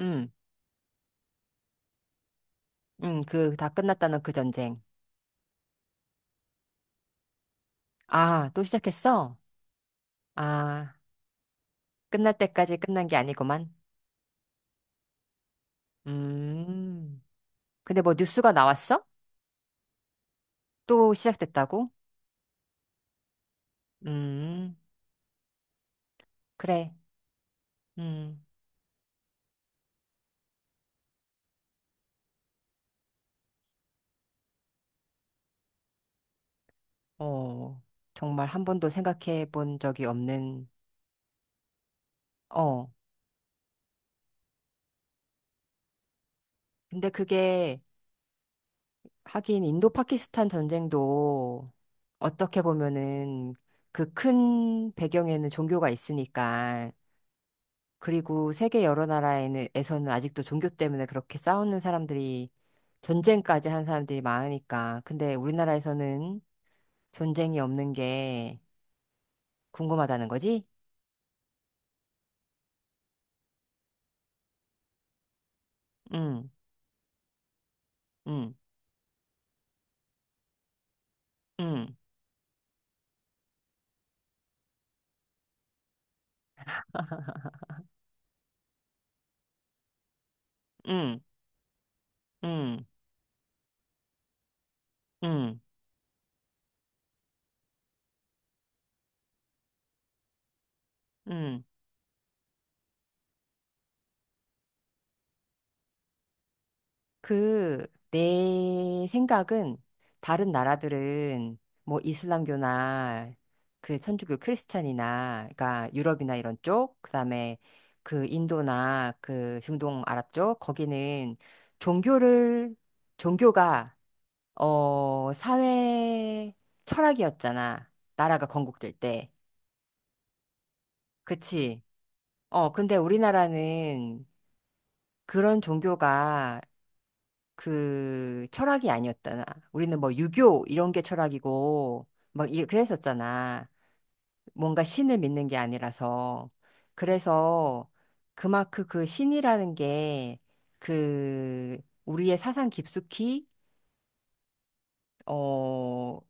응, 응, 그, 다 끝났다는 그 전쟁. 아, 또 시작했어? 아, 끝날 때까지 끝난 게 아니구만. 음, 근데 뭐 뉴스가 나왔어? 또 시작됐다고? 음, 그래. 음, 어, 정말 한 번도 생각해 본 적이 없는, 어. 근데 그게, 하긴 인도 파키스탄 전쟁도 어떻게 보면은 그 큰 배경에는 종교가 있으니까 그리고 세계 여러 나라에서는 아직도 종교 때문에 그렇게 싸우는 사람들이 전쟁까지 한 사람들이 많으니까. 근데 우리나라에서는 전쟁이 없는 게 궁금하다는 거지? 응, 응, 응, 응, 응, 응, 응. 그, 내 생각은 다른 나라들은 뭐 이슬람교나 그 천주교 크리스찬이나, 그러니까 유럽이나 이런 쪽, 그다음에 그 인도나 그 중동 아랍 쪽 거기는 종교를 종교가 어 사회 철학이었잖아, 나라가 건국될 때. 그치? 어 근데 우리나라는 그런 종교가, 그 철학이 아니었잖아. 우리는 뭐 유교 이런 게 철학이고 그랬었잖아. 뭔가 신을 믿는 게 아니라서. 그래서 그만큼 그 신이라는 게 그 우리의 사상 깊숙이 어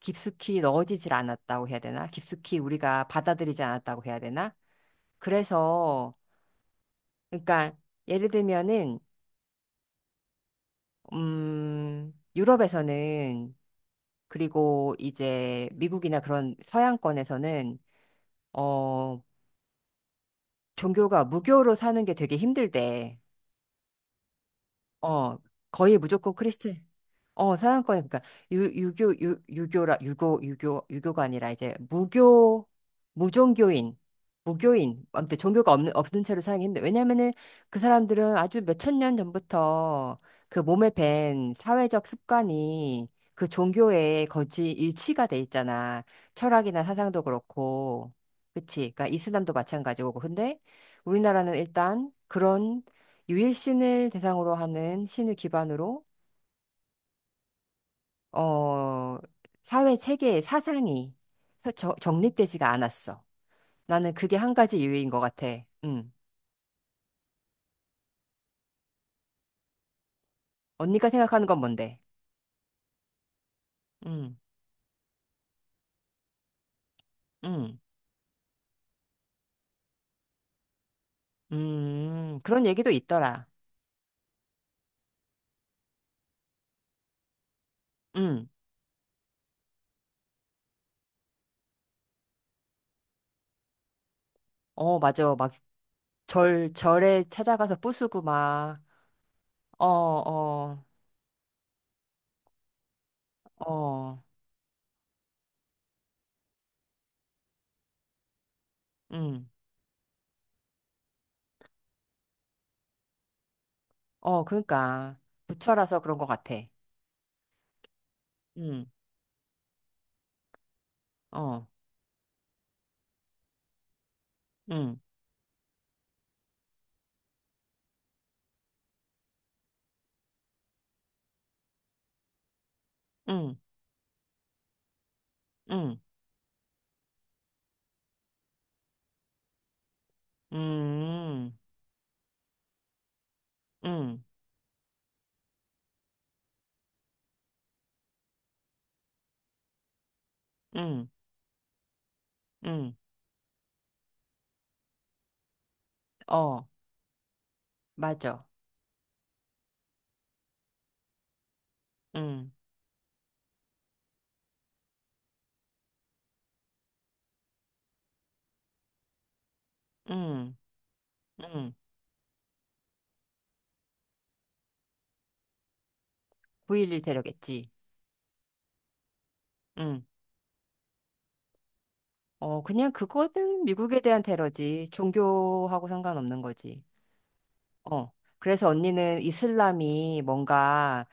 깊숙이 넣어지질 않았다고 해야 되나? 깊숙이 우리가 받아들이지 않았다고 해야 되나? 그래서 그러니까 예를 들면은 유럽에서는, 그리고 이제 미국이나 그런 서양권에서는 어 종교가 무교로 사는 게 되게 힘들대. 어, 거의 무조건 크리스천. 어, 서양권 그러니까 유, 유교 유, 유교라 유교 유교 유교가 아니라 이제 무교, 무종교인, 무교인, 아무튼 종교가 없는 채로 사용이 힘들. 왜냐면은 그 사람들은 아주 몇천 년 전부터 그 몸에 밴 사회적 습관이 그 종교에 거의 일치가 돼 있잖아. 철학이나 사상도 그렇고. 그치? 그러니까 이슬람도 마찬가지고. 근데 우리나라는 일단 그런 유일신을 대상으로 하는 신을 기반으로 어, 사회 체계의 사상이 정립되지가 않았어. 나는 그게 한 가지 이유인 것 같아. 음. 언니가 생각하는 건 뭔데? 음, 음, 그런 얘기도 있더라. 음, 어, 맞아. 막 절에 찾아가서 부수고 막, 어, 어, 어, 음, 어, 그러니까. 부처라서 그런 것 같아. 음, 어, 음, 음, 음, 음. 응, 응, 응, 어, 맞아. 응, 응, 응. 9.11 테러겠지. 응. 어, 그냥 그거는 미국에 대한 테러지. 종교하고 상관없는 거지. 어. 그래서 언니는 이슬람이 뭔가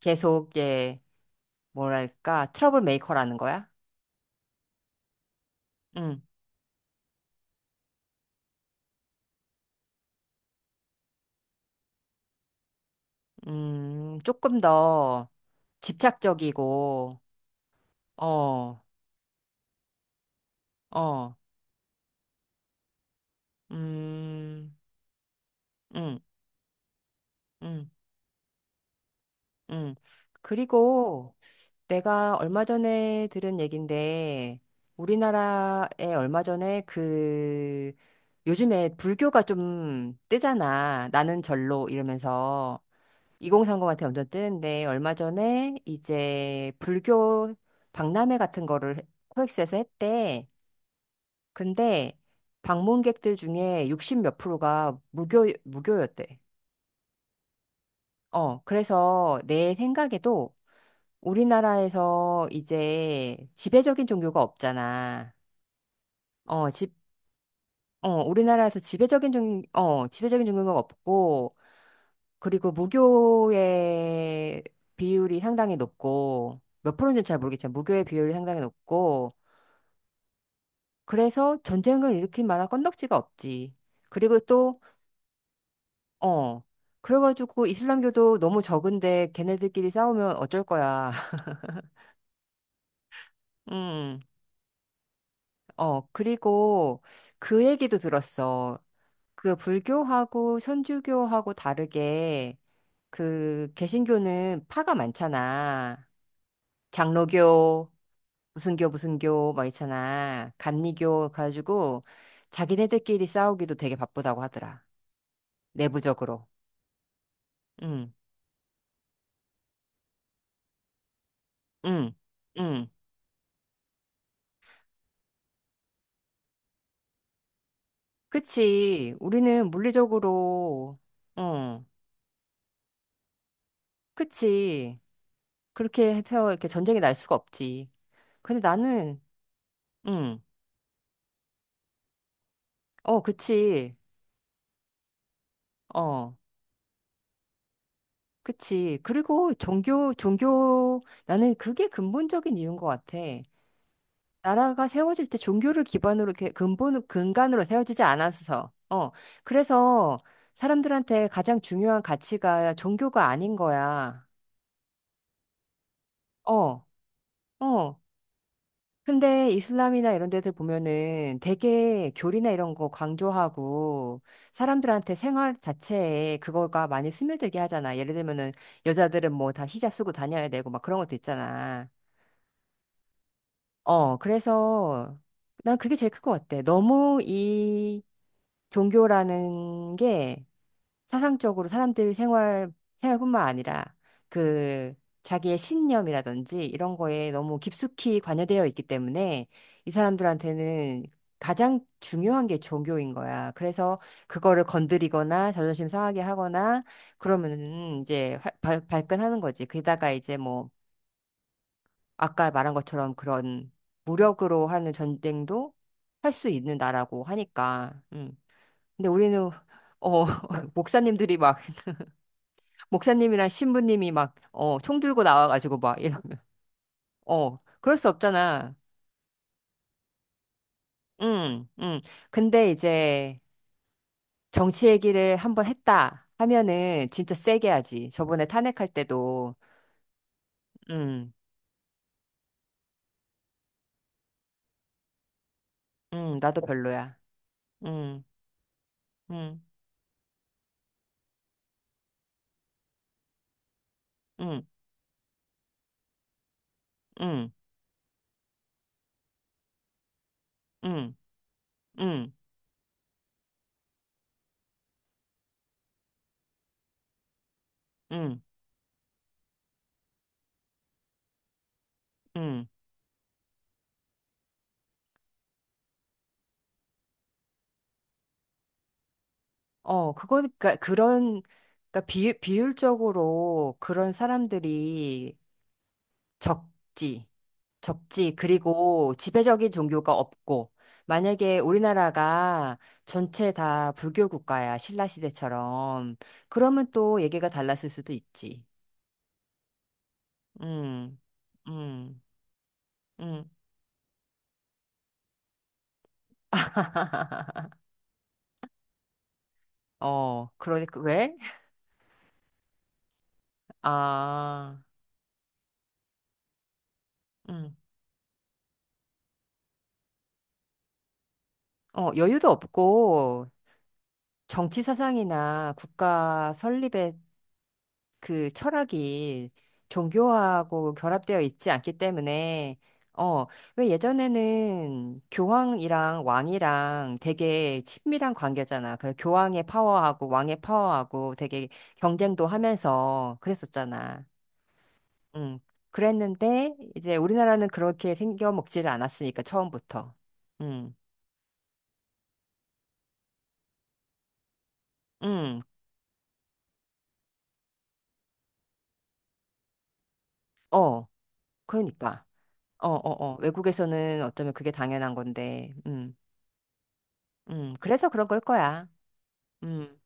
계속, 예, 뭐랄까, 트러블 메이커라는 거야? 응, 조금 더 집착적이고, 어, 어, 음, 음, 음, 음. 그리고, 내가 얼마 전에 들은 얘긴데, 우리나라에 얼마 전에 그, 요즘에 불교가 좀 뜨잖아. 나는 절로 이러면서 2030한테 완전 뜨는데, 얼마 전에 이제 불교 박람회 같은 거를 코엑스에서 했대. 근데 방문객들 중에 60몇 프로가 무교, 무교였대. 어, 그래서 내 생각에도 우리나라에서 이제 지배적인 종교가 없잖아. 어, 집, 어, 우리나라에서 어, 지배적인 종교가 없고, 그리고 무교의 비율이 상당히 높고, 몇 프로인지 잘 모르겠지만, 무교의 비율이 상당히 높고, 그래서 전쟁을 일으킨 만한 건덕지가 없지. 그리고 또, 어, 그래가지고 이슬람교도 너무 적은데 걔네들끼리 싸우면 어쩔 거야. 음, 어, 그리고 그 얘기도 들었어. 그 불교하고 천주교하고 다르게 그 개신교는 파가 많잖아. 장로교, 무슨 교 무슨 교 막 있잖아. 감리교 가지고 자기네들끼리 싸우기도 되게 바쁘다고 하더라, 내부적으로. 응. 응. 응. 그치. 우리는 물리적으로 응. 그치. 그렇게 해서 이렇게 전쟁이 날 수가 없지. 근데 나는 응. 어, 그치. 어. 그치. 그리고 나는 그게 근본적인 이유인 것 같아. 나라가 세워질 때 종교를 기반으로, 이렇게 근간으로 세워지지 않아서. 어. 그래서 사람들한테 가장 중요한 가치가 종교가 아닌 거야. 어, 어. 근데 이슬람이나 이런 데들 보면은 되게 교리나 이런 거 강조하고 사람들한테 생활 자체에 그거가 많이 스며들게 하잖아. 예를 들면은 여자들은 뭐 다 히잡 쓰고 다녀야 되고 막 그런 것도 있잖아. 어, 그래서 난 그게 제일 큰 것 같아. 너무 이 종교라는 게 사상적으로 사람들 생활뿐만 아니라 그 자기의 신념이라든지 이런 거에 너무 깊숙이 관여되어 있기 때문에 이 사람들한테는 가장 중요한 게 종교인 거야. 그래서 그거를 건드리거나 자존심 상하게 하거나 그러면은 이제 발끈하는 거지. 게다가 이제 뭐 아까 말한 것처럼 그런 무력으로 하는 전쟁도 할 수 있는 나라고 하니까. 음. 근데 우리는 어 목사님들이 막 목사님이랑 신부님이 막 어 총 들고 나와가지고 막 이러면 어 그럴 수 없잖아. 음, 음. 근데 이제 정치 얘기를 한번 했다 하면은 진짜 세게 하지. 저번에 탄핵할 때도 음, 나도 별로야. 음, 음, 음, 음, 음, 음, 음, 음. 어, 그거, 그러니까 그런, 그러니까 비율적으로 그런 사람들이 적지. 적지. 그리고 지배적인 종교가 없고, 만약에 우리나라가 전체 다 불교 국가야, 신라 시대처럼. 그러면 또 얘기가 달랐을 수도 있지. 음, 음, 음. 어, 그러니까, 왜? 아, 음. 어, 여유도 없고, 정치 사상이나 국가 설립에 그 철학이 종교하고 결합되어 있지 않기 때문에, 어, 왜 예전에는 교황이랑 왕이랑 되게 친밀한 관계잖아. 그 교황의 파워하고 왕의 파워하고 되게 경쟁도 하면서 그랬었잖아. 응. 그랬는데, 이제 우리나라는 그렇게 생겨 먹지를 않았으니까, 처음부터. 응, 응, 어, 그러니까. 어, 어, 어. 외국에서는 어쩌면 그게 당연한 건데, 그래서 그런 걸 거야. 음.